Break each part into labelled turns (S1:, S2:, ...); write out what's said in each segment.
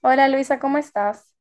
S1: Hola Luisa, ¿cómo estás?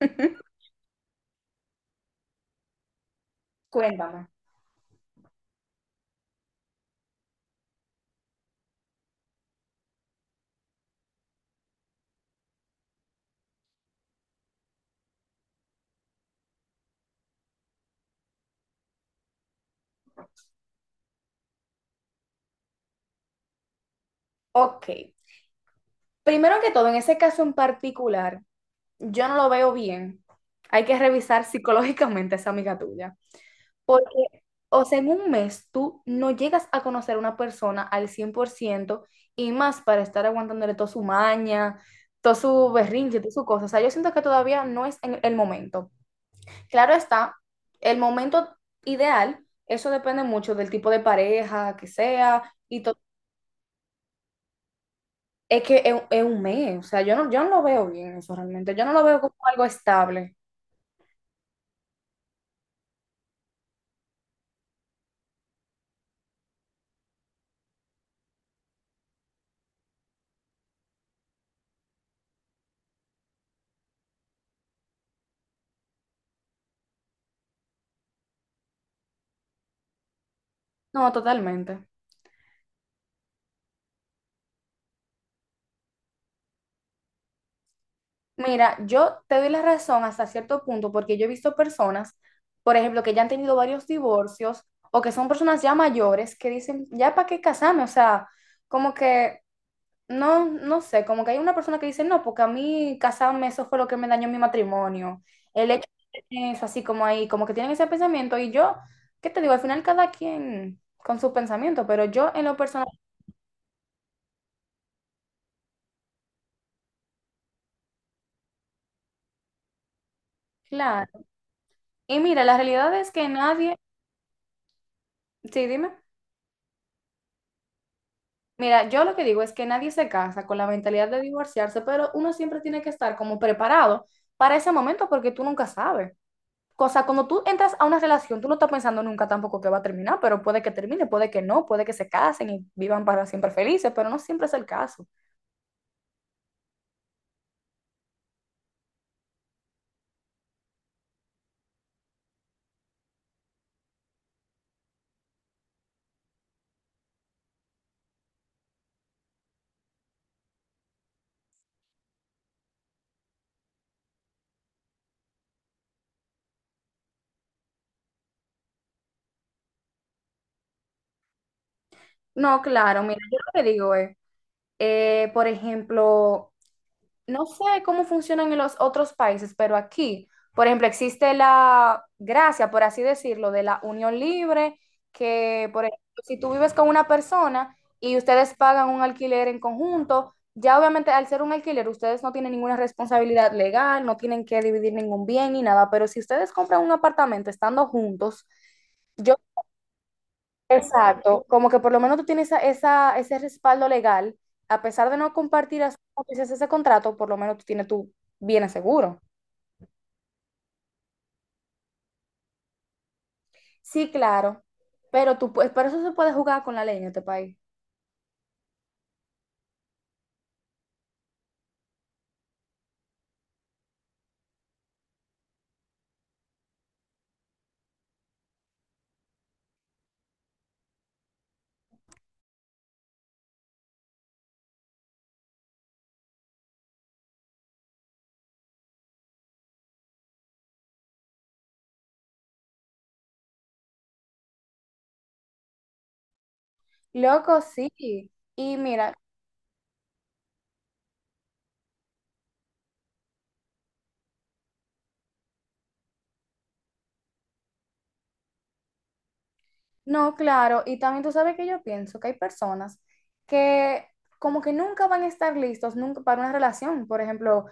S1: Cuéntame. Ok. Primero que todo, en ese caso en particular, yo no lo veo bien. Hay que revisar psicológicamente a esa amiga tuya. Porque, o sea, en un mes tú no llegas a conocer a una persona al 100% y más para estar aguantándole toda su maña, todo su berrinche, toda su cosa. O sea, yo siento que todavía no es en el momento. Claro está, el momento ideal, eso depende mucho del tipo de pareja que sea. Y es que es un mes, o sea, yo no, yo no lo veo bien eso realmente, yo no lo veo como algo estable. No, totalmente. Mira, yo te doy la razón hasta cierto punto porque yo he visto personas, por ejemplo, que ya han tenido varios divorcios o que son personas ya mayores que dicen, ya para qué casarme, o sea, como que no, no sé, como que hay una persona que dice, no, porque a mí casarme, eso fue lo que me dañó mi matrimonio. El hecho de tener eso así como ahí, como que tienen ese pensamiento y yo, ¿qué te digo? Al final cada quien con sus pensamientos, pero yo en lo personal, claro. Y mira, la realidad es que nadie, sí, dime, mira, yo lo que digo es que nadie se casa con la mentalidad de divorciarse, pero uno siempre tiene que estar como preparado para ese momento porque tú nunca sabes. O sea, cuando tú entras a una relación, tú no estás pensando nunca tampoco que va a terminar, pero puede que termine, puede que no, puede que se casen y vivan para siempre felices, pero no siempre es el caso. No, claro, mira, yo lo que digo es, por ejemplo, no sé cómo funcionan en los otros países, pero aquí, por ejemplo, existe la gracia, por así decirlo, de la unión libre, que, por ejemplo, si tú vives con una persona y ustedes pagan un alquiler en conjunto, ya obviamente al ser un alquiler, ustedes no tienen ninguna responsabilidad legal, no tienen que dividir ningún bien ni nada, pero si ustedes compran un apartamento estando juntos, yo exacto, como que por lo menos tú tienes esa, ese respaldo legal, a pesar de no compartir así como tú ese contrato, por lo menos tú tienes tu bien seguro. Sí, claro, pero tú, pero eso se puede jugar con la ley en este país. Loco, sí. Y mira, no, claro, y también tú sabes que yo pienso que hay personas que como que nunca van a estar listos nunca para una relación. Por ejemplo,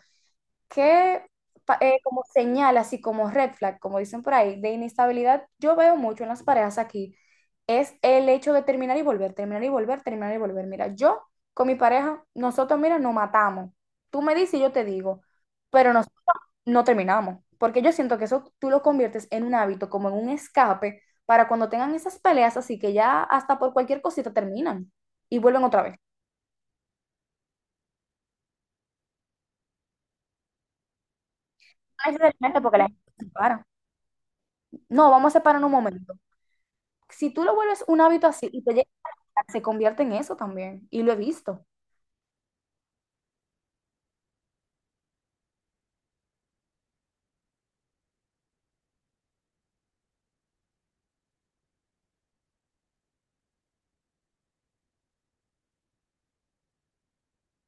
S1: que como señal, así como red flag, como dicen por ahí, de inestabilidad, yo veo mucho en las parejas aquí, es el hecho de terminar y volver, terminar y volver, terminar y volver. Mira, yo con mi pareja, nosotros, mira, nos matamos. Tú me dices y yo te digo, pero nosotros no terminamos, porque yo siento que eso tú lo conviertes en un hábito, como en un escape, para cuando tengan esas peleas, así que ya hasta por cualquier cosita terminan y vuelven otra vez. No es realmente porque la gente se separa. No, vamos a separar en un momento. Si tú lo vuelves un hábito así y te llega a casar, se convierte en eso también, y lo he visto.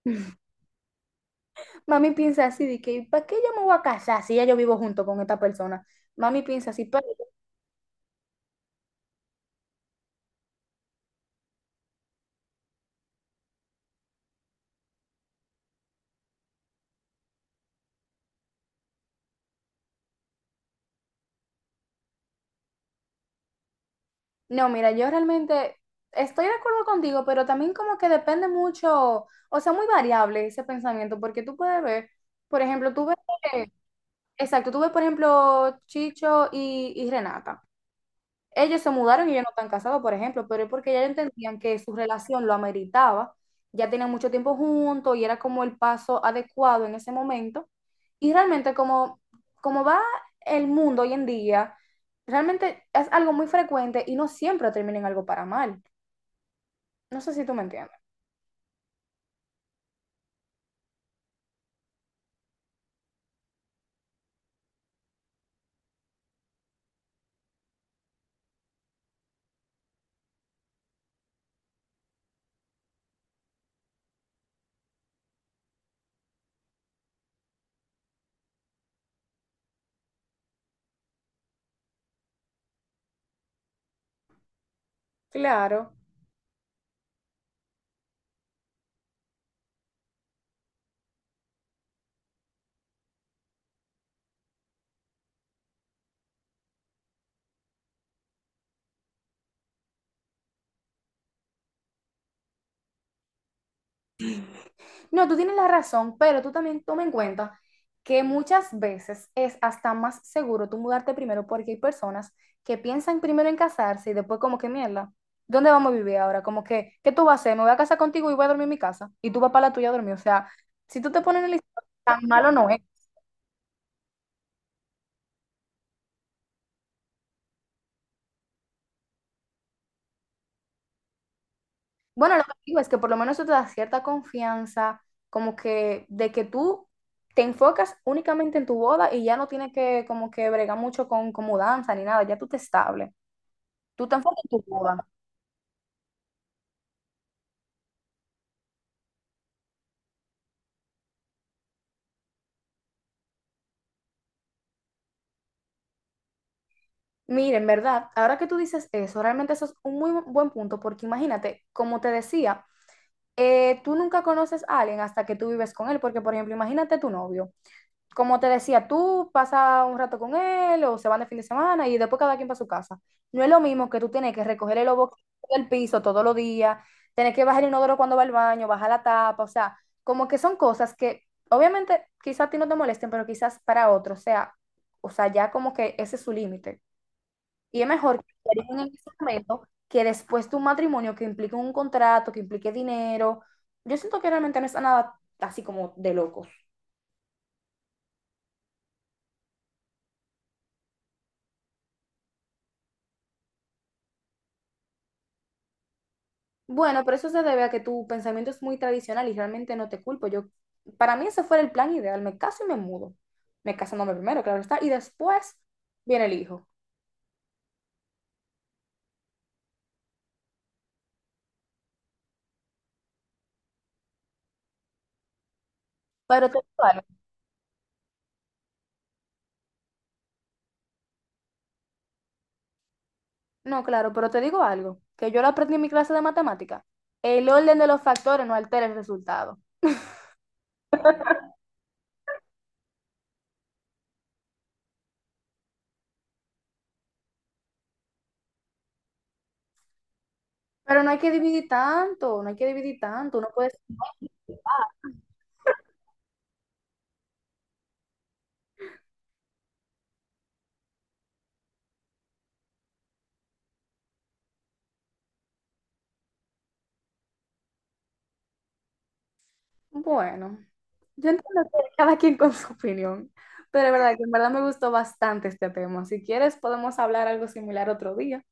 S1: Mami piensa así, de que, ¿para qué yo me voy a casar si ya yo vivo junto con esta persona? Mami piensa así, pero no, mira, yo realmente estoy de acuerdo contigo, pero también como que depende mucho, o sea, muy variable ese pensamiento, porque tú puedes ver, por ejemplo, tú ves, eh, exacto, tú ves, por ejemplo, Chicho y Renata. Ellos se mudaron y ellos no están casados, por ejemplo, pero es porque ya entendían que su relación lo ameritaba, ya tenían mucho tiempo juntos y era como el paso adecuado en ese momento. Y realmente como, como va el mundo hoy en día, realmente es algo muy frecuente y no siempre termina en algo para mal. No sé si tú me entiendes. Claro. No, tú tienes la razón, pero tú también toma en cuenta que muchas veces es hasta más seguro tú mudarte primero porque hay personas que piensan primero en casarse y después como que mierda, ¿dónde vamos a vivir ahora? Como que, ¿qué tú vas a hacer? Me voy a casar contigo y voy a dormir en mi casa y tú vas para la tuya a dormir. O sea, si tú te pones en el listado, tan malo no es. Bueno, lo que digo es que por lo menos eso te da cierta confianza, como que de que tú te enfocas únicamente en tu boda y ya no tienes que como que bregar mucho con mudanza ni nada, ya tú te estables. Tú tan fuerte en tu boda. Mira, en verdad, ahora que tú dices eso, realmente eso es un muy buen punto, porque imagínate, como te decía, tú nunca conoces a alguien hasta que tú vives con él, porque por ejemplo, imagínate tu novio. Como te decía, tú pasas un rato con él o se van de fin de semana y después cada quien para su casa. No es lo mismo que tú tienes que recoger el obo del piso todos los días, tener que bajar el inodoro cuando va al baño, bajar la tapa, o sea, como que son cosas que obviamente quizás a ti no te molesten, pero quizás para otros, o sea, ya como que ese es su límite. Y es mejor que te digan en ese momento que después de un matrimonio que implique un contrato, que implique dinero, yo siento que realmente no es nada así como de locos. Bueno, pero eso se debe a que tu pensamiento es muy tradicional y realmente no te culpo. Yo, para mí ese fuera el plan ideal. Me caso y me mudo. Me casándome primero, claro está. Y después viene el hijo. Pero te digo algo. No, claro, pero te digo algo. Que yo lo aprendí en mi clase de matemática. El orden de los factores no altera el resultado. Pero no hay que dividir tanto, no hay que dividir tanto. Uno puede... Bueno. Yo entiendo que cada quien con su opinión, pero es verdad que en verdad me gustó bastante este tema. Si quieres, podemos hablar algo similar otro día.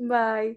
S1: Bye.